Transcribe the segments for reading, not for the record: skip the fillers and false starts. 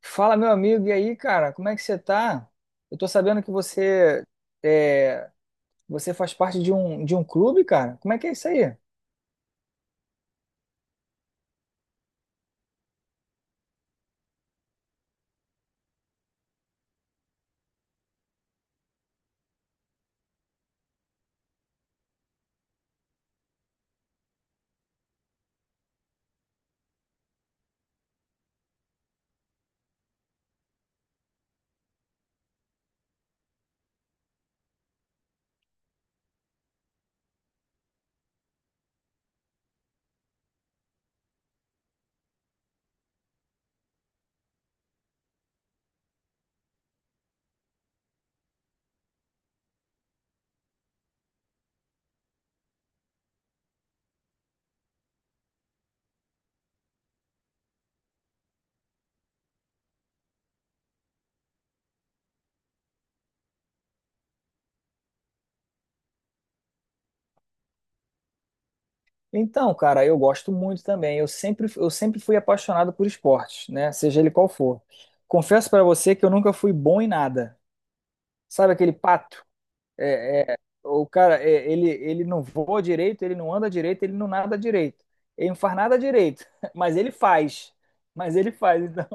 Fala, meu amigo, e aí, cara, como é que você tá? Eu tô sabendo que você é, você faz parte de um clube, cara. Como é que é isso aí? Então, cara, eu gosto muito também. Eu sempre fui apaixonado por esportes, né? Seja ele qual for. Confesso pra você que eu nunca fui bom em nada. Sabe aquele pato? O cara, ele não voa direito, ele não anda direito, ele não nada direito. Ele não faz nada direito, mas ele faz. Mas ele faz. Então,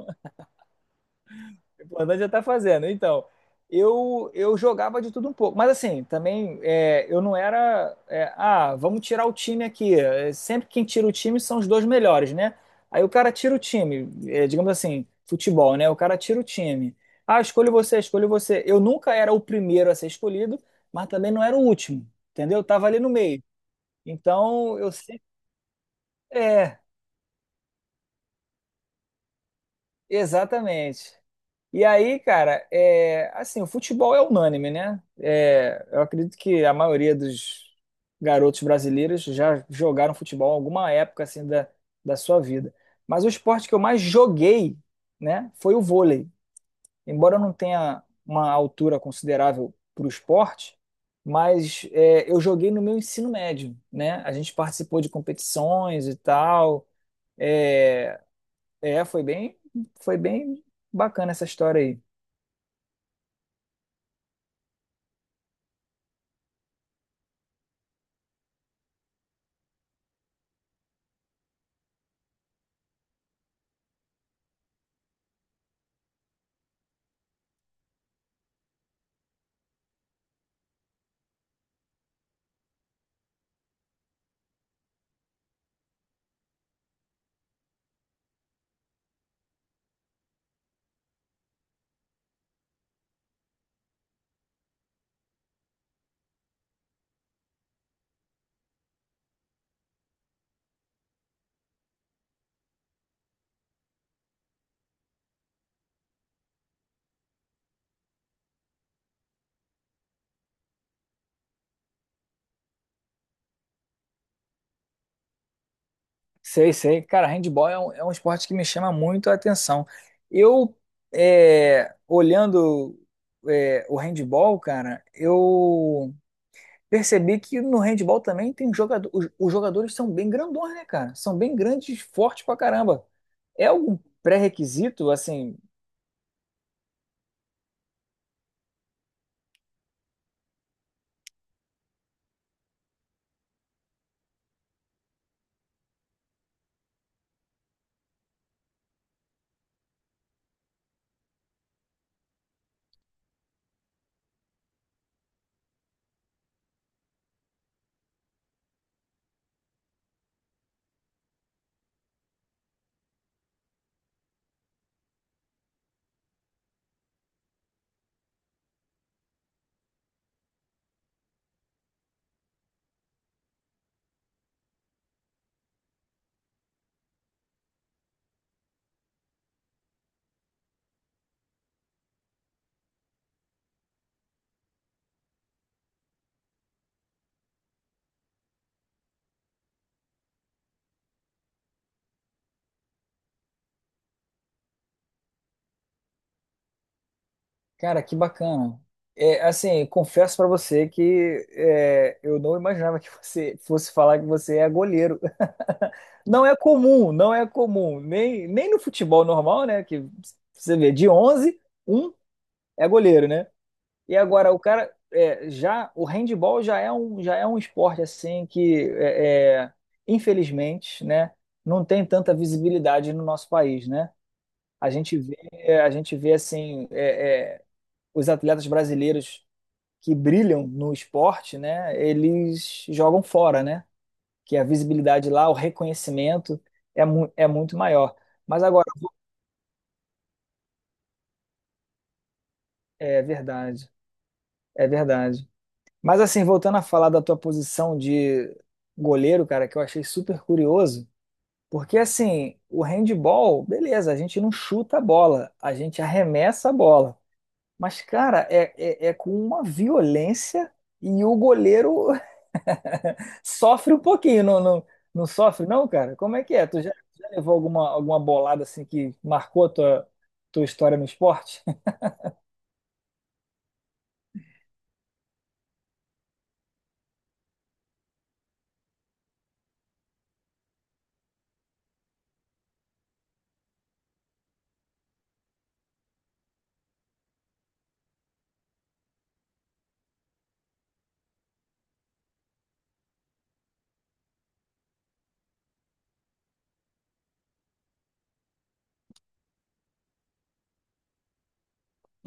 importante já tá fazendo. Então, eu jogava de tudo um pouco, mas assim, eu não era. Vamos tirar o time aqui. É, Sempre quem tira o time são os dois melhores, né? Aí o cara tira o time, é, digamos assim, futebol, né? O cara tira o time. Ah, escolho você, escolho você. Eu nunca era o primeiro a ser escolhido, mas também não era o último, entendeu? Eu tava ali no meio. Então, eu sempre. É, exatamente. E aí, cara, é, assim, o futebol é unânime, né? É, eu acredito que a maioria dos garotos brasileiros já jogaram futebol em alguma época assim da sua vida. Mas o esporte que eu mais joguei, né, foi o vôlei. Embora eu não tenha uma altura considerável para o esporte, mas é, eu joguei no meu ensino médio, né? A gente participou de competições e tal. É, é, foi bem, foi bem bacana essa história aí. Sei, sei. Cara, handball é é um esporte que me chama muito a atenção. Eu, é, olhando, é, o handball, cara, eu percebi que no handball também tem jogador, os jogadores são bem grandões, né, cara? São bem grandes, fortes pra caramba. É algum pré-requisito, assim. Cara, que bacana. É, assim, confesso pra você que é, eu não imaginava que você fosse falar que você é goleiro. Não é comum, não é comum. Nem no futebol normal, né? Que você vê, de 11 um é goleiro, né? E agora, o cara, é, já, o handball já é um esporte, assim, que, é, é, infelizmente, né? Não tem tanta visibilidade no nosso país, né? A gente vê, a gente vê assim, é, é, os atletas brasileiros que brilham no esporte, né, eles jogam fora, né? Que a visibilidade lá, o reconhecimento é, mu é muito maior. Mas agora, é verdade, é verdade. Mas assim, voltando a falar da tua posição de goleiro, cara, que eu achei super curioso, porque assim, o handball, beleza, a gente não chuta a bola, a gente arremessa a bola. Mas, cara, é com uma violência e o goleiro sofre um pouquinho, não sofre, não, cara? Como é que é? Tu já, já levou alguma, alguma bolada assim que marcou a tua, tua história no esporte?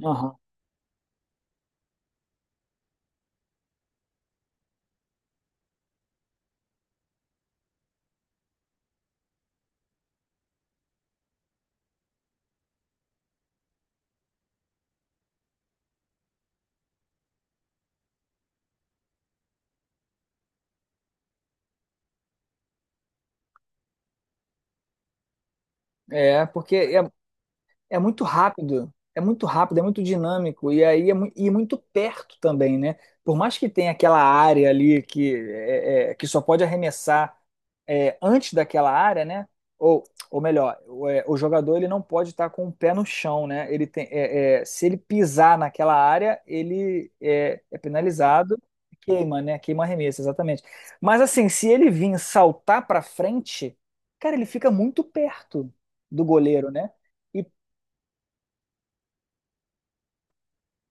Aham. É, porque é, é muito rápido, é muito rápido, é muito dinâmico e aí é muito perto também, né? Por mais que tenha aquela área ali que, que só pode arremessar é, antes daquela área, né? Ou, ou melhor, o jogador ele não pode estar com o pé no chão, né? Ele tem, se ele pisar naquela área, ele é penalizado, queima, né? Queima arremesso, exatamente. Mas assim, se ele vir saltar para frente, cara, ele fica muito perto do goleiro, né? E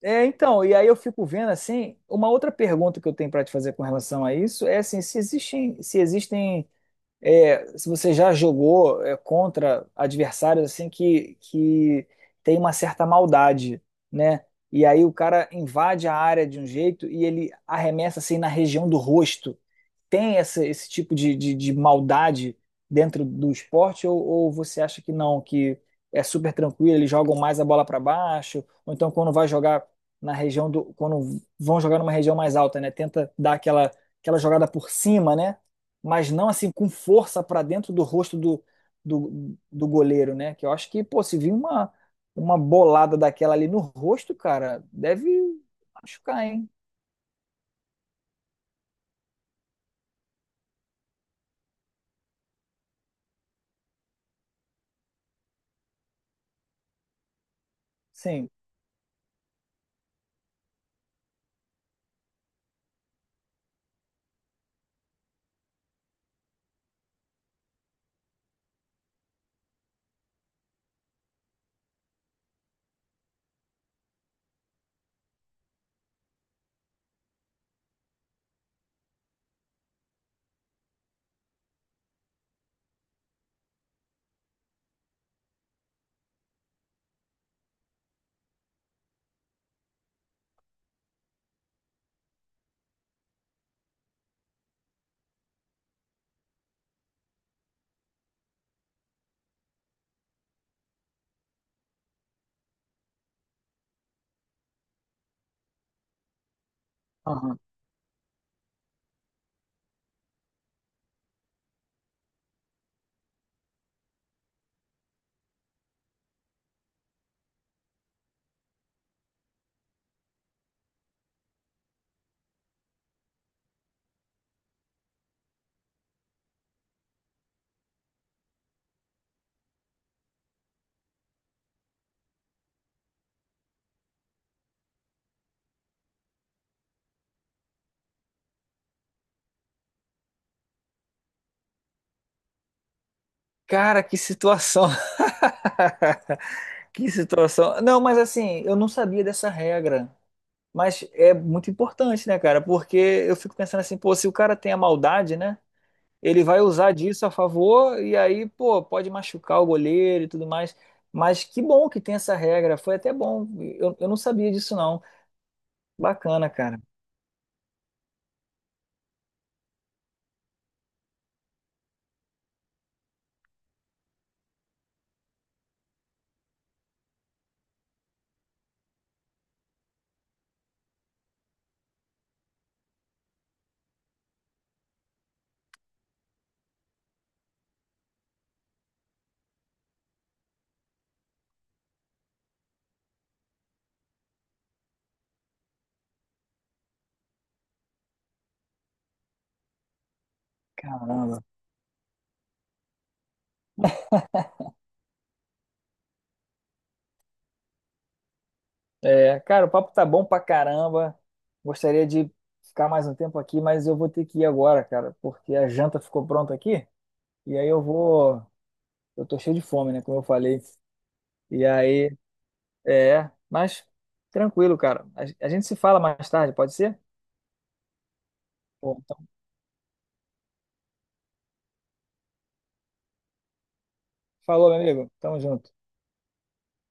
é, então, e aí eu fico vendo assim, uma outra pergunta que eu tenho para te fazer com relação a isso é assim, se existem é, se você já jogou é, contra adversários assim que tem uma certa maldade, né? E aí o cara invade a área de um jeito e ele arremessa assim na região do rosto. Tem essa, esse tipo de maldade dentro do esporte, ou você acha que não, que é super tranquilo, eles jogam mais a bola para baixo, ou então quando vai jogar na região do, quando vão jogar numa região mais alta, né? Tenta dar aquela, aquela jogada por cima, né? Mas não assim com força para dentro do rosto do, do goleiro, né? Que eu acho que, pô, se vir uma bolada daquela ali no rosto, cara, deve machucar, hein? Sim. Cara, que situação. Que situação. Não, mas assim, eu não sabia dessa regra. Mas é muito importante, né, cara? Porque eu fico pensando assim, pô, se o cara tem a maldade, né? Ele vai usar disso a favor e aí, pô, pode machucar o goleiro e tudo mais. Mas que bom que tem essa regra. Foi até bom. Eu não sabia disso, não. Bacana, cara. Caramba. É, cara, o papo tá bom pra caramba. Gostaria de ficar mais um tempo aqui, mas eu vou ter que ir agora, cara, porque a janta ficou pronta aqui. E aí eu vou. Eu tô cheio de fome, né? Como eu falei. E aí, é. Mas tranquilo, cara. A gente se fala mais tarde, pode ser? Bom, então, falou, meu amigo. Tamo junto.